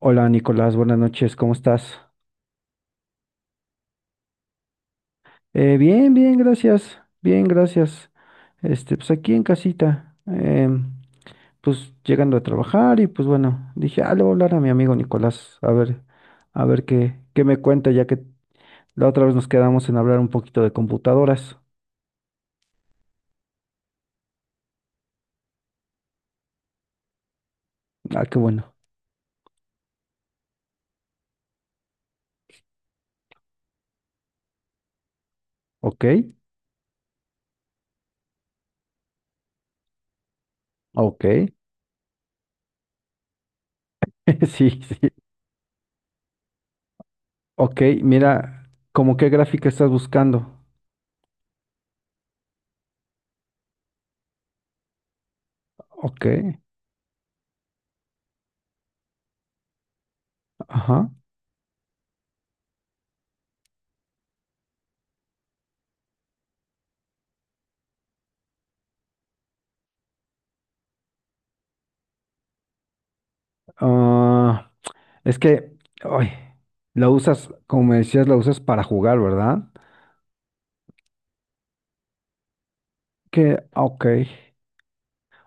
Hola Nicolás, buenas noches, ¿cómo estás? Bien, bien, gracias, bien, gracias. Pues aquí en casita, pues llegando a trabajar y pues bueno, dije, ah, le voy a hablar a mi amigo Nicolás, a ver qué me cuenta, ya que la otra vez nos quedamos en hablar un poquito de computadoras. Ah, qué bueno. Ok, ok. Sí, sí. Ok, mira, ¿cómo qué gráfica estás buscando? Ok, ajá. Ah. Es que, ay, la usas, como me decías, la usas para jugar, ¿verdad? Que, ok,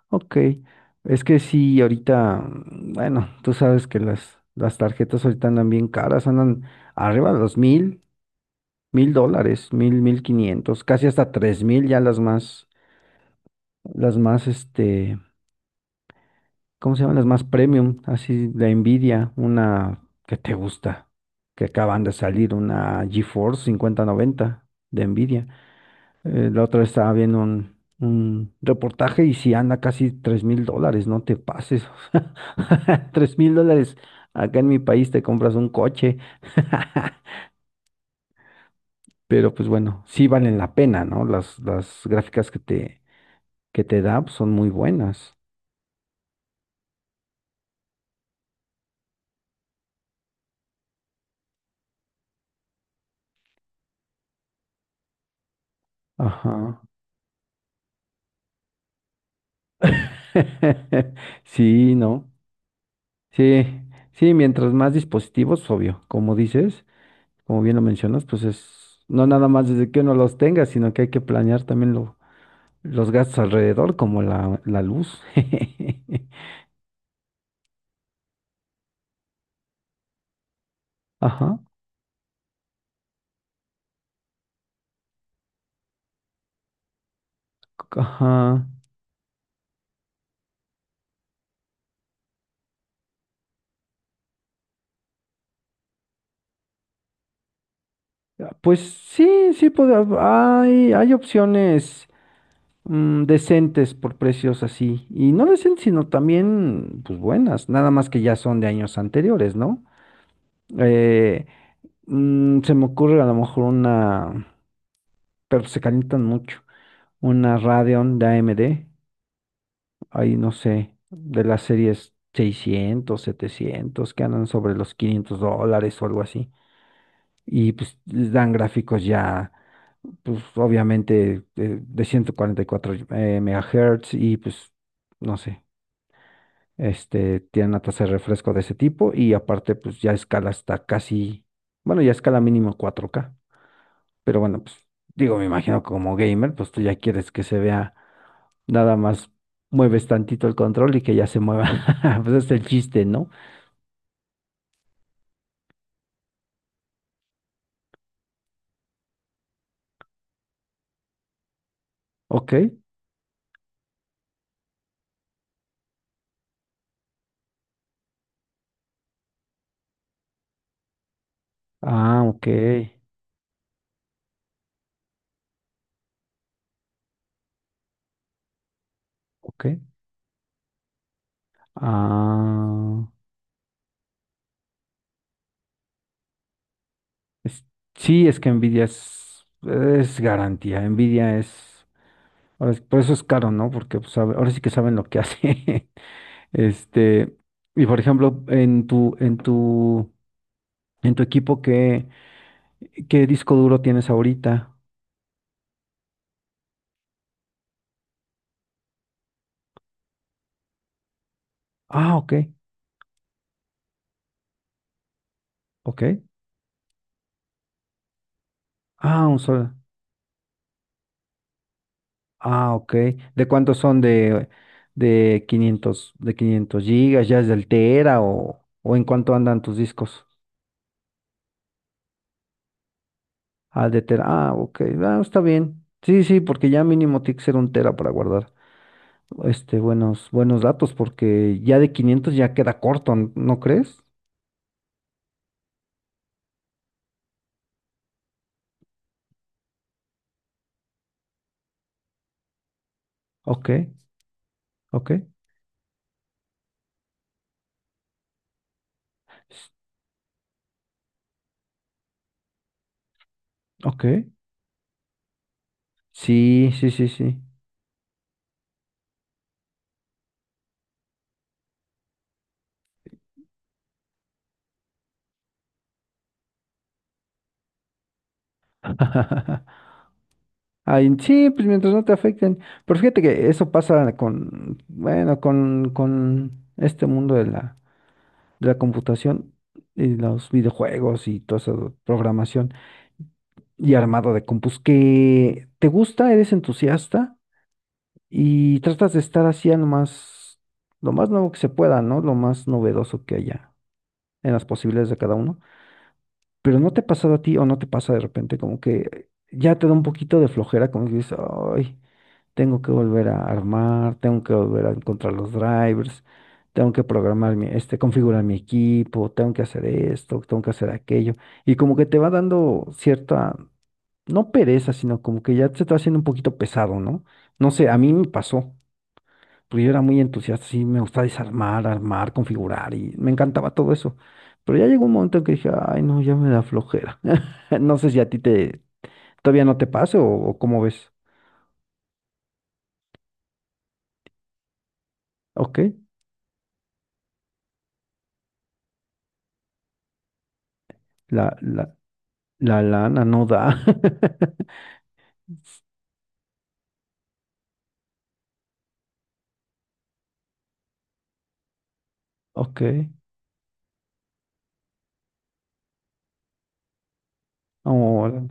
ok. Es que sí, ahorita, bueno, tú sabes que las tarjetas ahorita andan bien caras, andan arriba de los mil, mil dólares, mil, 1.500, casi hasta tres mil ya las más, las más, ¿cómo se llaman? Las más premium, así, la Nvidia, una que te gusta, que acaban de salir, una GeForce 5090 de Nvidia. La otra vez estaba viendo un reportaje y si anda casi 3.000 dólares, no te pases. 3.000 dólares. Acá en mi país te compras un coche. Pero pues bueno, sí valen la pena, ¿no? Las gráficas que te da pues, son muy buenas. Ajá. Sí, ¿no? Sí, sí, mientras más dispositivos, obvio, como dices, como bien lo mencionas, pues es, no nada más desde que uno los tenga, sino que hay que planear también lo, los gastos alrededor, como la luz. Ajá, ajá. Pues sí, sí, hay opciones decentes por precios así. Y no decentes, sino también, pues buenas. Nada más que ya son de años anteriores, ¿no? Eh, Se me ocurre a lo mejor una, pero se calientan mucho, una Radeon de AMD. Ahí no sé, de las series 600 700 que andan sobre los 500 dólares o algo así. Y pues les dan gráficos ya, pues obviamente de 144 megahertz y pues no sé, tienen una tasa de refresco de ese tipo y aparte pues ya escala hasta casi, bueno, ya escala mínimo 4K, pero bueno, pues digo, me imagino que como gamer, pues tú ya quieres que se vea, nada más mueves tantito el control y que ya se mueva. Pues es el chiste, ¿no? Ok. Ah, ok. Ok. Ah, es- sí, es que Nvidia es garantía. Nvidia es, ahora por eso es caro, ¿no? Porque pues, ahora sí que saben lo que hace. Este, y por ejemplo, en tu equipo, ¿qué disco duro tienes ahorita? Ah, ok, ok. Ah, un solo. Ah, ok. ¿De cuántos son de 500? ¿De 500 gigas? ¿Ya es del Tera o en cuánto andan tus discos? Ah, de Tera. Ah, ok. Ah, está bien. Sí, sí, porque ya mínimo tiene que ser un Tera para guardar buenos datos, porque ya de 500 ya queda corto, ¿no crees? Ok, ok, s- ok. Sí, sí, sí, sí. Ay, sí, pues mientras no te afecten. Pero fíjate que eso pasa con, bueno, con este mundo de la computación y los videojuegos y toda esa programación y armado de compus que te gusta, eres entusiasta y tratas de estar así a lo más nuevo que se pueda, ¿no? Lo más novedoso que haya en las posibilidades de cada uno. Pero no te ha pasado a ti o no te pasa de repente como que ya te da un poquito de flojera, como que dices, ay, tengo que volver a armar, tengo que volver a encontrar los drivers, tengo que programar mi, configurar mi equipo, tengo que hacer esto, tengo que hacer aquello. Y como que te va dando cierta, no pereza, sino como que ya se te va haciendo un poquito pesado, ¿no? No sé, a mí me pasó, porque yo era muy entusiasta, sí, me gustaba desarmar, armar, configurar y me encantaba todo eso. Pero ya llegó un momento en que dije, ay, no, ya me da flojera. No sé si a ti te, todavía no te pase o cómo ves. Ok, la, la La lana no da. Ok. Ahora.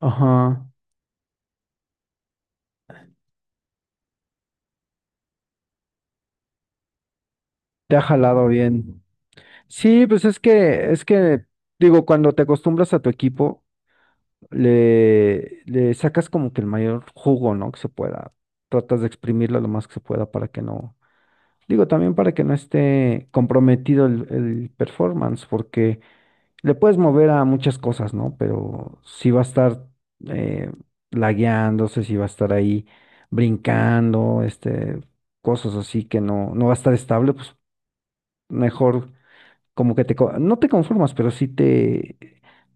Ajá. Te ha jalado bien. Sí, pues es que, digo, cuando te acostumbras a tu equipo, le sacas como que el mayor jugo, ¿no? Que se pueda. Tratas de exprimirlo lo más que se pueda para que no. Digo, también para que no esté comprometido el performance, porque le puedes mover a muchas cosas, ¿no? Pero si va a estar eh, lagueándose, si va a estar ahí brincando, cosas así que no va a estar estable, pues mejor como que te, no te conformas, pero sí te,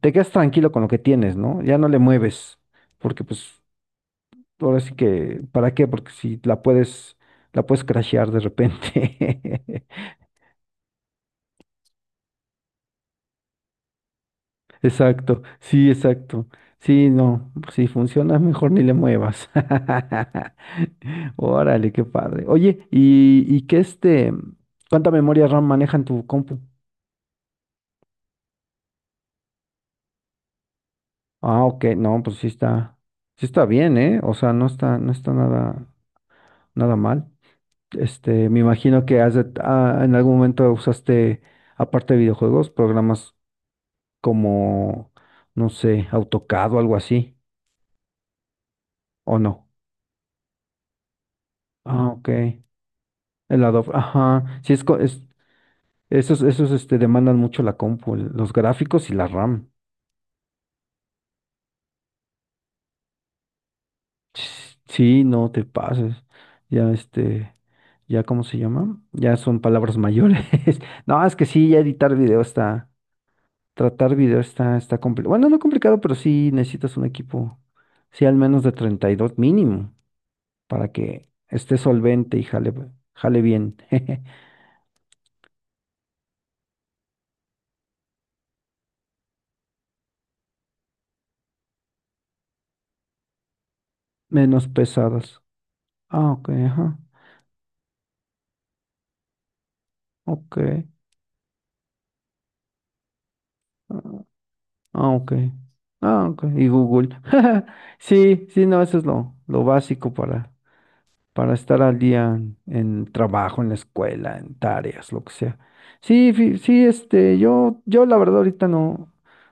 te quedas tranquilo con lo que tienes, ¿no? Ya no le mueves, porque pues ahora sí que, ¿para qué? Porque si la puedes crashear de repente. Exacto, sí, exacto. Sí, no, si funciona mejor ni le muevas. Órale, qué padre. Oye, ¿y, y, qué este? ¿Cuánta memoria RAM maneja en tu compu? Ah, ok, no, pues sí está bien, ¿eh? O sea, no está nada, nada mal. Me imagino que en algún momento usaste, aparte de videojuegos, programas como, no sé, AutoCAD o algo así, ¿o no? Ah, ok. El Adobe, ajá. Sí, esos demandan mucho la compu, los gráficos y la RAM. Sí, no te pases. Ya, ya, ¿cómo se llama? Ya son palabras mayores. No, es que sí, ya editar video está, tratar video está complicado. Bueno, no complicado, pero sí necesitas un equipo, sí, al menos de 32 mínimo, para que esté solvente y jale bien. Menos pesadas. Ah, ok, ajá. Ok. Ah, ok. Ah, ok. Y Google. Sí, sí, no, eso es lo básico para estar al día en trabajo, en la escuela, en tareas, lo que sea. Sí, sí, yo la verdad ahorita no,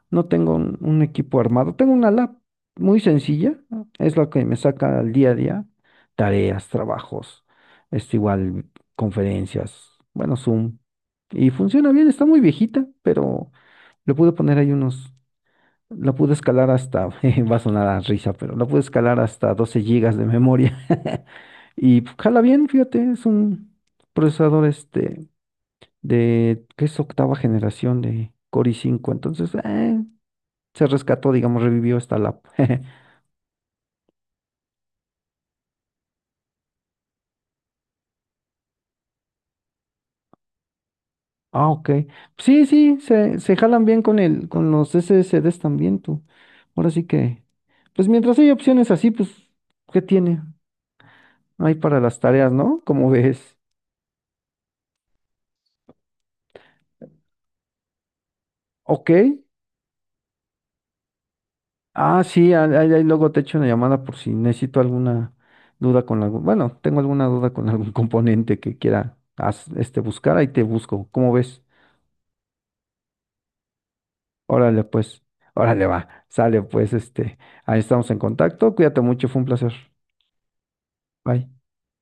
no tengo un equipo armado. Tengo una lab muy sencilla, es la que me saca al día a día. Tareas, trabajos, igual, conferencias, bueno, Zoom. Y funciona bien, está muy viejita, pero le pude poner ahí unos. La pude escalar hasta, jeje, va a sonar a risa, pero la pude escalar hasta 12 gigas de memoria. Y pues, jala bien, fíjate, es un procesador de que es octava generación de Core i5, entonces se rescató, digamos, revivió esta lap. Ah, ok. Sí, sí, se jalan bien con el, con los SSDs también tú. Ahora sí que, pues mientras hay opciones así, pues, ¿qué tiene? Hay para las tareas, ¿no? Como ves. Ok, ah, sí, ahí luego te echo una llamada por si necesito alguna duda con algún, bueno, tengo alguna duda con algún componente que quiera buscar, ahí te busco. ¿Cómo ves? Órale, pues, órale, va, sale, pues, ahí estamos en contacto, cuídate mucho, fue un placer. Bye.